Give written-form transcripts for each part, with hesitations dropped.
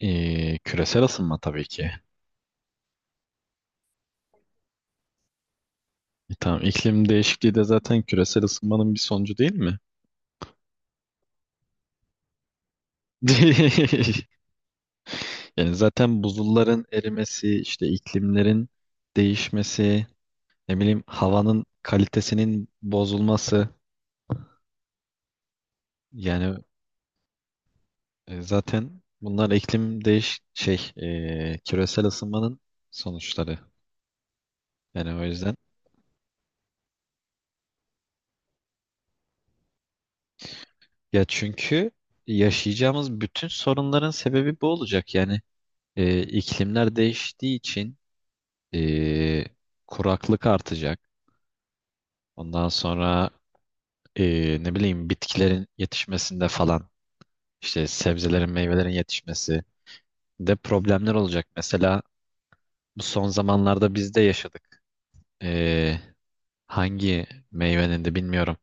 Küresel ısınma tabii ki. Tamam, iklim değişikliği de zaten küresel ısınmanın bir sonucu değil mi? Yani zaten buzulların erimesi, işte iklimlerin değişmesi, ne bileyim havanın kalitesinin bozulması. Yani zaten bunlar iklim değiş şey küresel ısınmanın sonuçları. Yani o yüzden, ya çünkü yaşayacağımız bütün sorunların sebebi bu olacak. Yani iklimler değiştiği için e, kuraklık artacak. Ondan sonra ne bileyim bitkilerin yetişmesinde falan, işte sebzelerin meyvelerin yetişmesi de problemler olacak. Mesela bu son zamanlarda biz de yaşadık. E, Hangi meyvenin de bilmiyorum.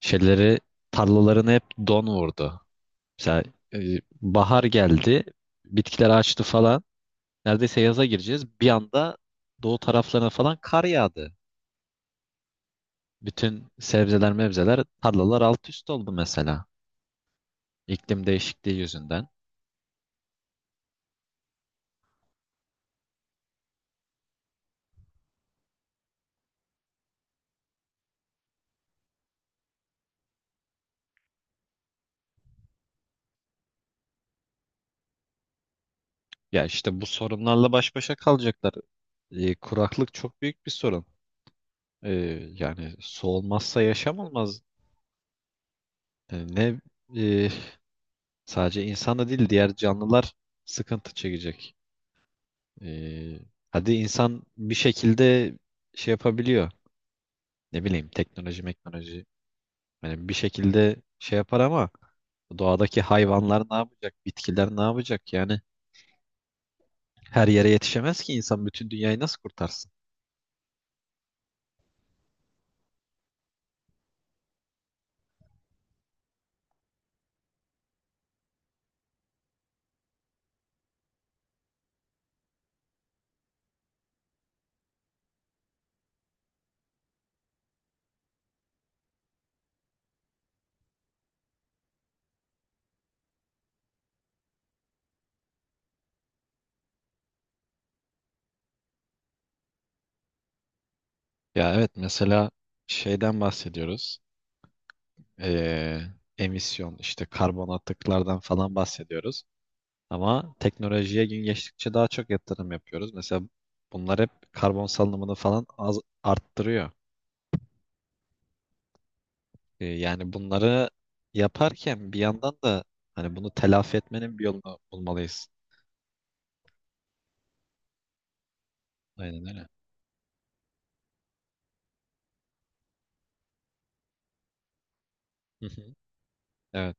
Şeyleri, tarlalarını hep don vurdu. Mesela e, bahar geldi, bitkiler açtı falan. Neredeyse yaza gireceğiz. Bir anda doğu taraflarına falan kar yağdı. Bütün sebzeler mevzeler tarlalar alt üst oldu mesela. İklim değişikliği yüzünden. Ya işte bu sorunlarla baş başa kalacaklar. Kuraklık çok büyük bir sorun. E, Yani su olmazsa yaşam olmaz. E, ne e, Sadece insan da değil, diğer canlılar sıkıntı çekecek. E, Hadi insan bir şekilde şey yapabiliyor. Ne bileyim, teknoloji, meknoloji. Yani bir şekilde şey yapar ama doğadaki hayvanlar ne yapacak? Bitkiler ne yapacak? Yani her yere yetişemez ki insan, bütün dünyayı nasıl kurtarsın? Ya evet, mesela şeyden bahsediyoruz. Ee, Emisyon, işte karbon atıklardan falan bahsediyoruz. Ama teknolojiye gün geçtikçe daha çok yatırım yapıyoruz. Mesela bunlar hep karbon salınımını falan az arttırıyor. Yani bunları yaparken bir yandan da hani bunu telafi etmenin bir yolunu bulmalıyız. Aynen öyle. Hı hı. Evet.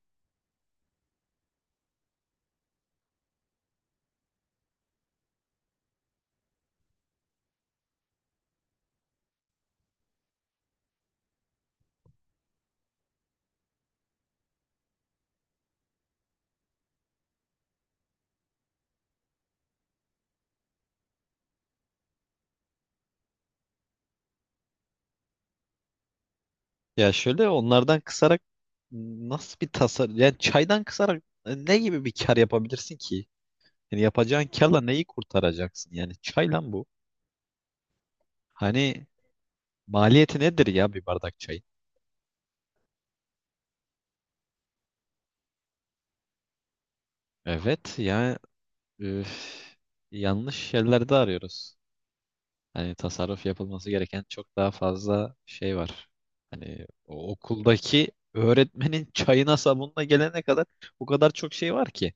Ya şöyle, onlardan kısarak nasıl bir tasar, yani çaydan kısarak ne gibi bir kar yapabilirsin ki? Yani yapacağın karla neyi kurtaracaksın? Yani çay lan bu. Hani maliyeti nedir ya bir bardak çayın? Evet ya, üf, yanlış yerlerde arıyoruz. Hani tasarruf yapılması gereken çok daha fazla şey var. Hani o okuldaki öğretmenin çayına sabunla gelene kadar o kadar çok şey var ki.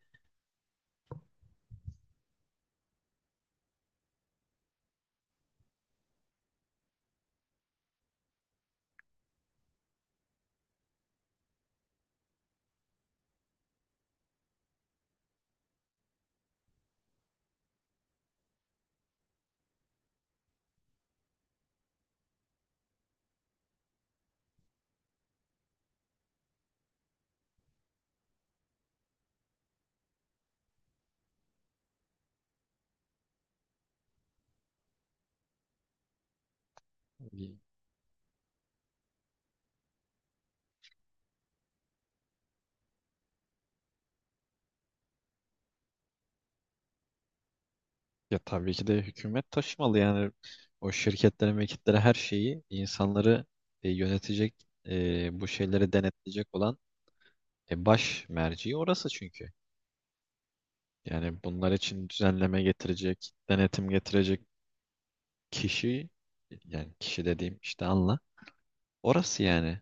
Ya tabii ki de hükümet taşımalı, yani o şirketlere, mülkiyetlere, her şeyi, insanları yönetecek, bu şeyleri denetleyecek olan baş merci orası çünkü. Yani bunlar için düzenleme getirecek, denetim getirecek kişi, yani kişi dediğim işte, anla, orası yani.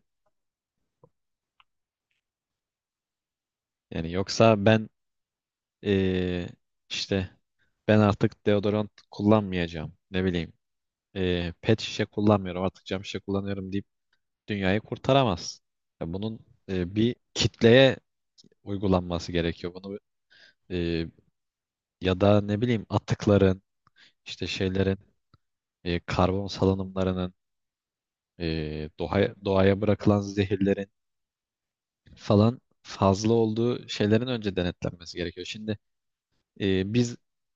Yani yoksa ben, e, işte, ben artık deodorant kullanmayacağım, ne bileyim, pet şişe kullanmıyorum artık, cam şişe kullanıyorum deyip dünyayı kurtaramazsın. Ya bunun bir kitleye uygulanması gerekiyor. Bunu, e, ya da ne bileyim atıkların, işte şeylerin, karbon salınımlarının, doğaya bırakılan zehirlerin falan fazla olduğu şeylerin önce denetlenmesi gerekiyor. Şimdi biz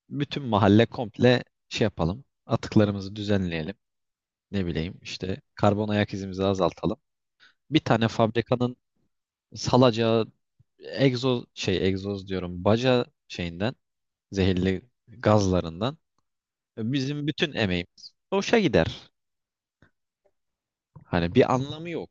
bütün mahalle komple şey yapalım, atıklarımızı düzenleyelim. Ne bileyim, işte karbon ayak izimizi azaltalım. Bir tane fabrikanın salacağı egzoz diyorum, baca şeyinden zehirli gazlarından bizim bütün emeğimiz boşa gider. Hani bir anlamı yok.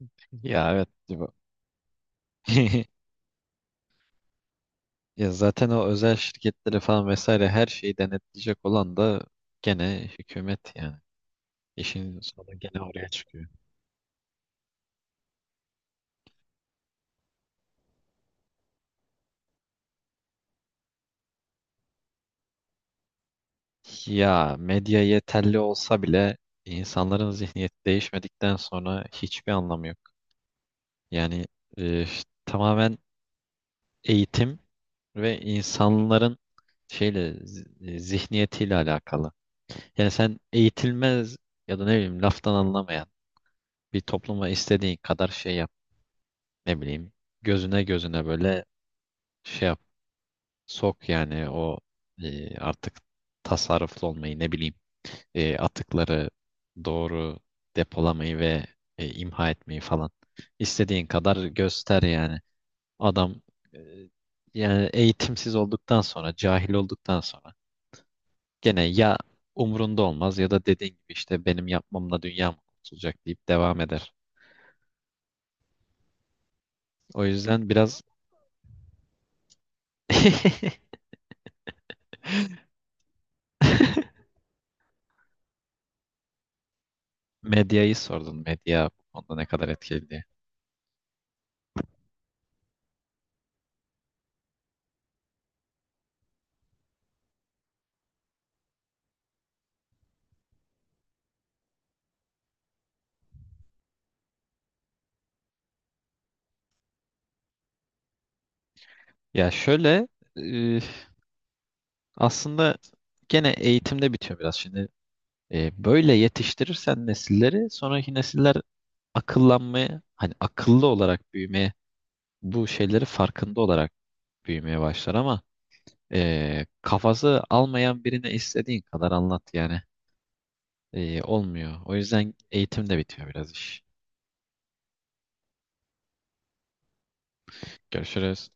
Ya, evet gibi. Ya zaten o özel şirketleri falan vesaire her şeyi denetleyecek olan da gene hükümet yani. İşin sonu gene oraya çıkıyor. Ya medya yeterli olsa bile insanların zihniyeti değişmedikten sonra hiçbir anlamı yok. Yani e, tamamen eğitim ve insanların zihniyetiyle alakalı. Yani sen eğitilmez ya da ne bileyim, laftan anlamayan bir topluma istediğin kadar şey yap. Ne bileyim, gözüne gözüne böyle şey yap. Sok yani o, artık tasarruflu olmayı, ne bileyim, atıkları doğru depolamayı ve imha etmeyi falan. İstediğin kadar göster yani. Adam, e, yani eğitimsiz olduktan sonra, cahil olduktan sonra, gene ya umrunda olmaz, ya da dediğin gibi işte, benim yapmamla dünya mı kurtulacak deyip devam eder. O yüzden biraz medyayı sordun. Medya bu konuda ne kadar etkili diye. Ya şöyle, e, aslında gene eğitimde bitiyor biraz şimdi. Böyle yetiştirirsen nesilleri, sonraki nesiller akıllanmaya, hani akıllı olarak büyümeye, bu şeyleri farkında olarak büyümeye başlar, ama kafası almayan birine istediğin kadar anlat yani. Olmuyor. O yüzden eğitim de bitiyor biraz iş. Görüşürüz.